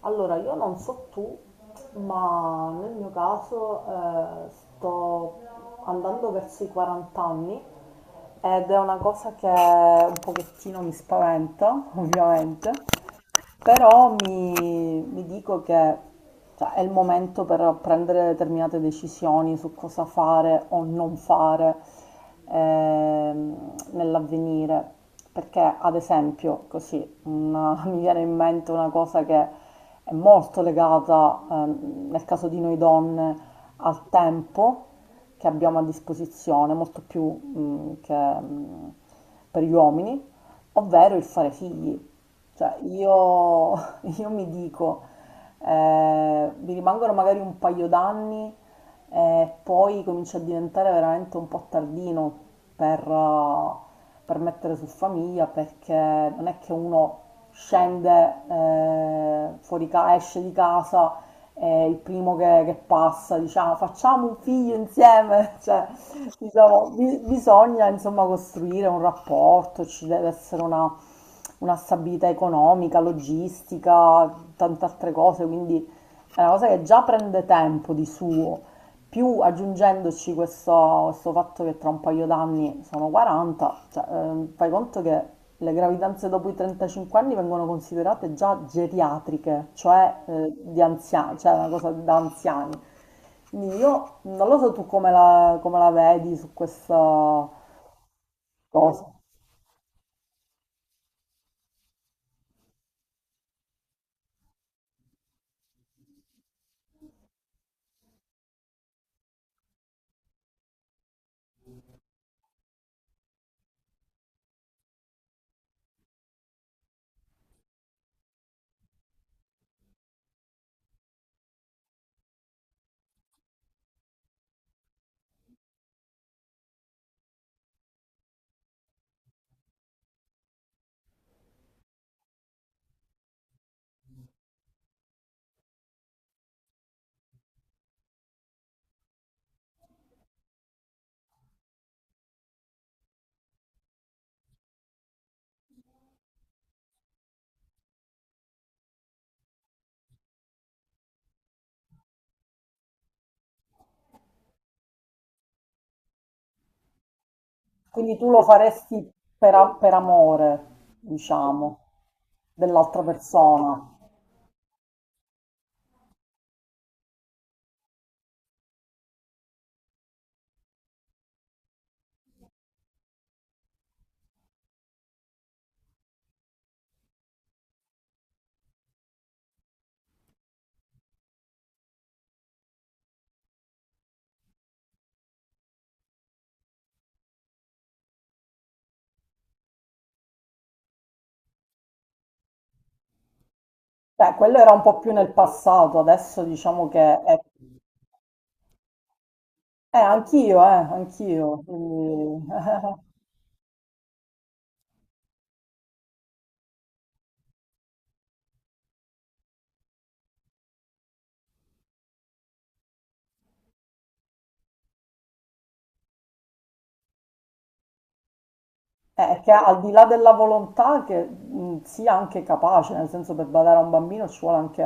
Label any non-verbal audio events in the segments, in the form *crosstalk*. Allora, io non so tu, ma nel mio caso sto andando verso i 40 anni ed è una cosa che un pochettino mi spaventa, *laughs* ovviamente, però mi dico che cioè, è il momento per prendere determinate decisioni su cosa fare o non fare nell'avvenire. Perché, ad esempio, *laughs* mi viene in mente una cosa che è molto legata, nel caso di noi donne, al tempo che abbiamo a disposizione, molto più, mm, per gli uomini, ovvero il fare figli. Cioè, *laughs* io mi dico, mi rimangono magari un paio d'anni e poi comincia a diventare veramente un po' tardino per, eh, per mettere su famiglia, perché non è che uno scende esce di casa e il primo che passa dice "Ah, facciamo un figlio insieme, *laughs* cioè diciamo, bisogna insomma costruire un rapporto, ci deve essere una stabilità economica, logistica, tante altre cose, quindi è una cosa che già prende tempo di suo, più aggiungendoci questo fatto che tra un paio d'anni sono 40, cioè, fai conto che le gravidanze dopo i 35 anni vengono considerate già geriatriche, cioè di anziani, cioè una cosa da anziani. Quindi io non lo so tu come come la vedi su questa cosa. Quindi tu lo faresti per, per amore, diciamo, dell'altra persona. Beh, quello era un po' più nel passato, adesso diciamo che è eh, anch'io, anch'io, quindi *laughs* che al di là della volontà che sia anche capace, nel senso per badare a un bambino ci vuole anche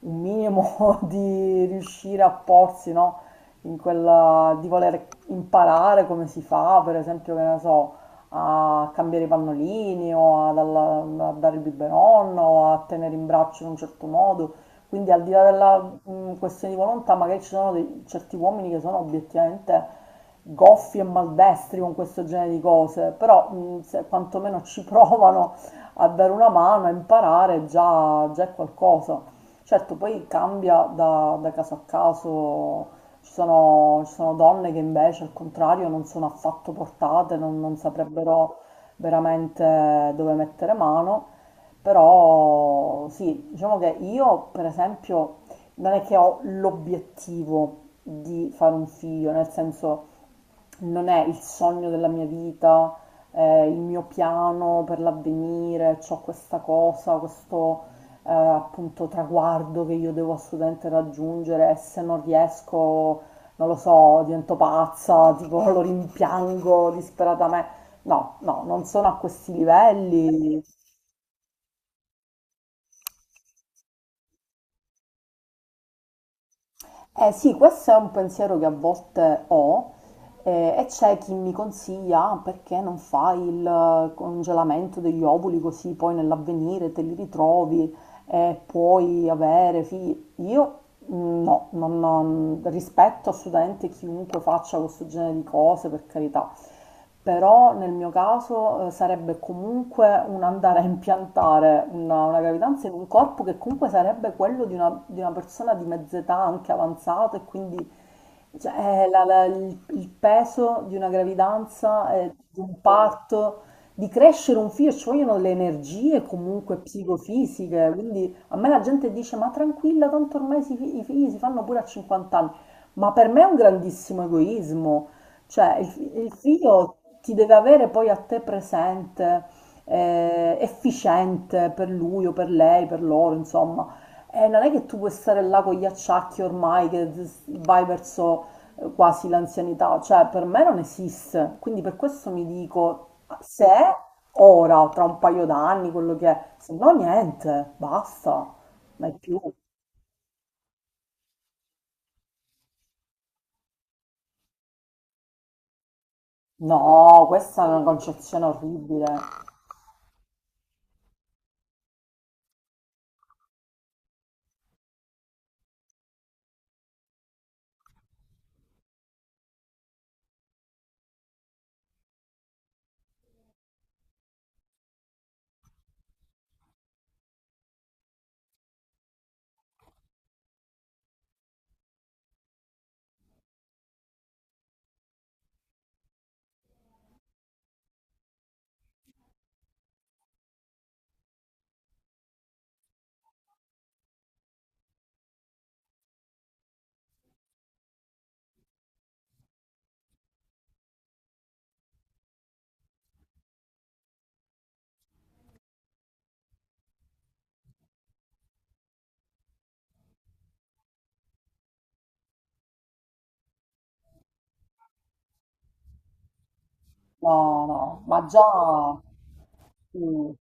un minimo *laughs* di riuscire a porsi, no? In quella di voler imparare come si fa, per esempio, che ne so, a cambiare i pannolini o a dare il biberon o a tenere in braccio in un certo modo. Quindi al di là della questione di volontà, magari ci sono certi uomini che sono obiettivamente goffi e maldestri con questo genere di cose, però se quantomeno ci *laughs* provano a dare una mano, a imparare, già è qualcosa. Certo, poi cambia da caso a caso, ci sono donne che invece al contrario non sono affatto portate, non saprebbero veramente dove mettere mano però sì, diciamo che io per esempio non è che ho l'obiettivo di fare un figlio, nel senso non è il sogno della mia vita, il mio piano per l'avvenire, c'ho questo appunto traguardo che io devo assolutamente raggiungere e se non riesco, non lo so, divento pazza, tipo lo rimpiango disperatamente. No, no, non sono a questi livelli. Eh sì, questo è un pensiero che a volte ho e c'è chi mi consiglia "Ah, perché non fai il congelamento degli ovuli così poi nell'avvenire te li ritrovi e puoi avere figli. Io mm, no, rispetto assolutamente chiunque faccia questo genere di cose, per carità, però nel mio caso sarebbe comunque un andare a impiantare una gravidanza in un corpo che comunque sarebbe quello di di una persona di mezza età, anche avanzata, e quindi cioè, il peso di una gravidanza, di un parto, di crescere un figlio, ci vogliono le energie comunque psicofisiche, quindi a me la gente dice, ma tranquilla, tanto ormai i figli si fanno pure a 50 anni. Ma per me è un grandissimo egoismo. Cioè, il figlio ti deve avere poi a te presente, efficiente per lui o per lei, per loro, insomma. E non è che tu puoi stare là con gli acciacchi ormai che vai verso quasi l'anzianità, cioè per me non esiste. Quindi per questo mi dico, se ora, tra un paio d'anni, quello che è, se no niente, basta, mai più. No, questa è una concezione orribile. No, no, ma già... sì.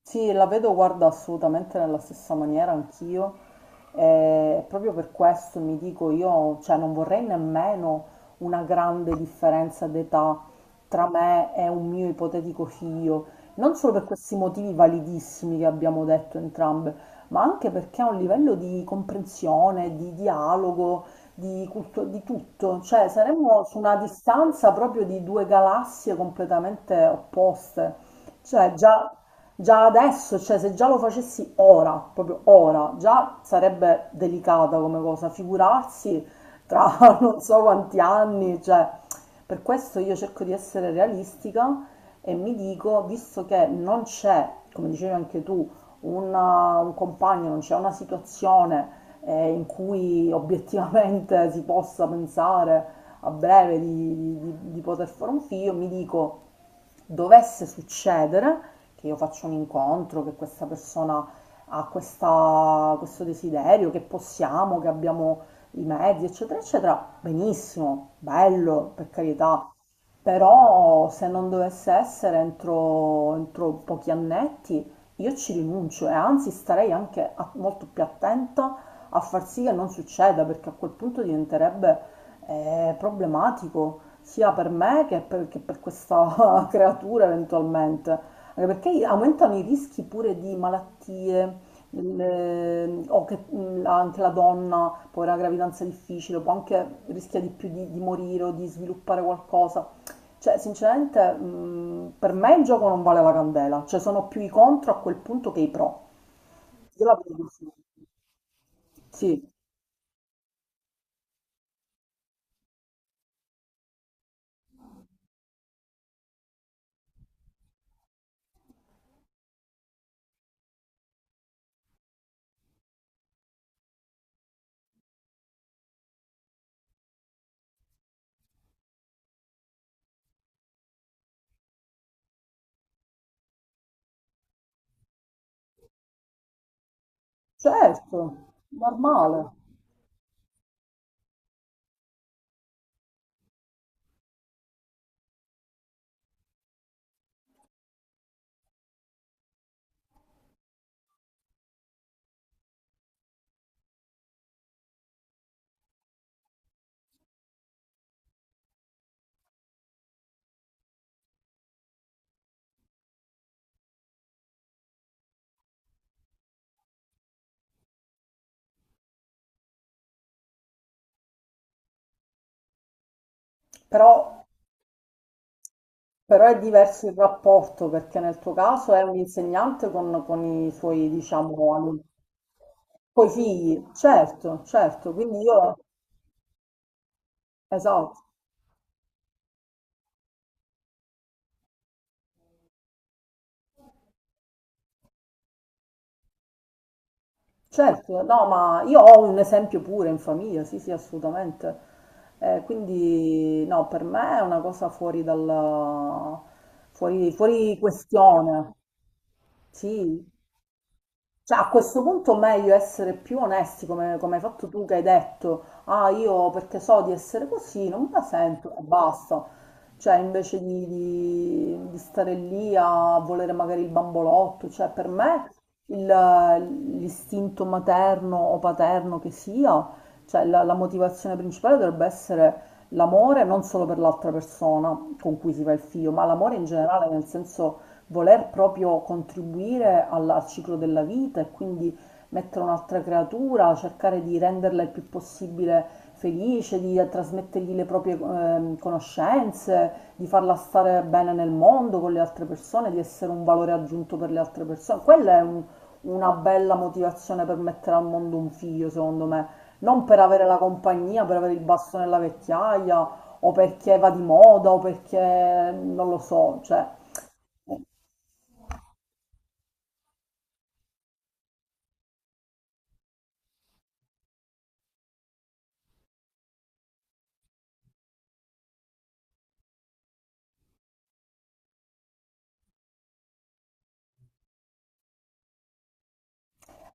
Sì, la vedo, guarda, assolutamente nella stessa maniera anch'io. E proprio per questo mi dico io, cioè non vorrei nemmeno una grande differenza d'età tra me e un mio ipotetico figlio, non solo per questi motivi validissimi che abbiamo detto entrambe, ma anche perché a un livello di comprensione, di dialogo, di tutto, cioè saremmo su una distanza proprio di due galassie completamente opposte. Cioè, già adesso, cioè se già lo facessi ora, proprio ora, già sarebbe delicata come cosa, figurarsi tra *laughs* non so quanti anni, cioè per questo io cerco di essere realistica e mi dico, visto che non c'è, come dicevi anche tu, un compagno, non c'è una situazione in cui obiettivamente si possa pensare a breve di, di poter fare un figlio, mi dico dovesse succedere, che io faccio un incontro, che questa persona ha questo desiderio, che possiamo, che abbiamo i mezzi, eccetera, eccetera, benissimo, bello, per carità. Però se non dovesse essere entro pochi annetti, io ci rinuncio e anzi starei anche molto più attenta a far sì che non succeda, perché a quel punto diventerebbe problematico sia per me che per questa *laughs* creatura eventualmente. Anche perché aumentano i rischi pure di malattie, o che anche la donna può avere una gravidanza difficile, può anche rischia di più di morire o di sviluppare qualcosa. Cioè, sinceramente, per me il gioco non vale la candela, cioè sono più i contro a quel punto che i pro. Io la vedo così. Sì, certo, normale. Però, però è diverso il rapporto, perché nel tuo caso è un insegnante con i suoi, diciamo, alunni. Coi figli, certo, certo, quindi io, esatto, certo, no, ma io ho un esempio pure in famiglia, sì, sì, assolutamente. Quindi, no, per me è una cosa fuori dalla, fuori, fuori questione, sì, cioè, a questo punto meglio essere più onesti, come, come hai fatto tu che hai detto, ah, io perché so di essere così, non me la sento e basta. Cioè, invece di, di stare lì a volere magari il bambolotto, cioè, per me il- l'istinto materno o paterno che sia, cioè, la motivazione principale dovrebbe essere l'amore non solo per l'altra persona con cui si fa il figlio, ma l'amore in generale, nel senso voler proprio contribuire al ciclo della vita e quindi mettere un'altra creatura, cercare di renderla il più possibile felice, di trasmettergli le proprie conoscenze, di farla stare bene nel mondo con le altre persone, di essere un valore aggiunto per le altre persone. Quella è una bella motivazione per mettere al mondo un figlio, secondo me. Non per avere la compagnia, per avere il basso nella vecchiaia, o perché va di moda, o perché non lo so, cioè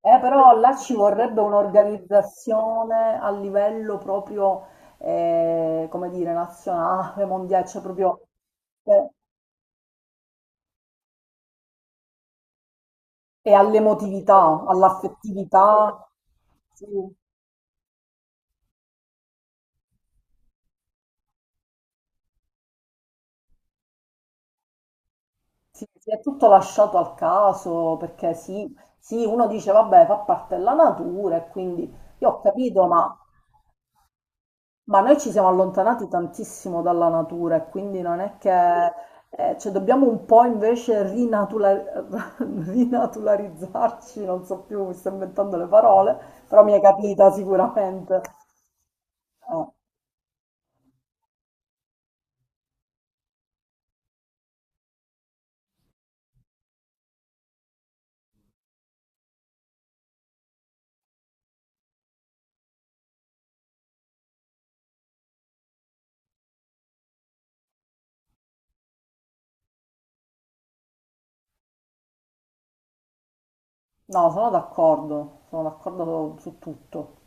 eh, però là ci vorrebbe un'organizzazione a livello proprio, come dire, nazionale, mondiale, cioè proprio eh, e all'emotività, all'affettività. Sì, sì, sì, è tutto lasciato al caso, perché sì, sì, uno dice, vabbè, fa parte della natura e quindi io ho capito, ma... Ma noi ci siamo allontanati tantissimo dalla natura e quindi non è che, cioè dobbiamo un po' invece *laughs* rinaturalizzarci, non so più, mi sto inventando le parole, però mi è capita sicuramente. Eh, no, sono d'accordo su tutto.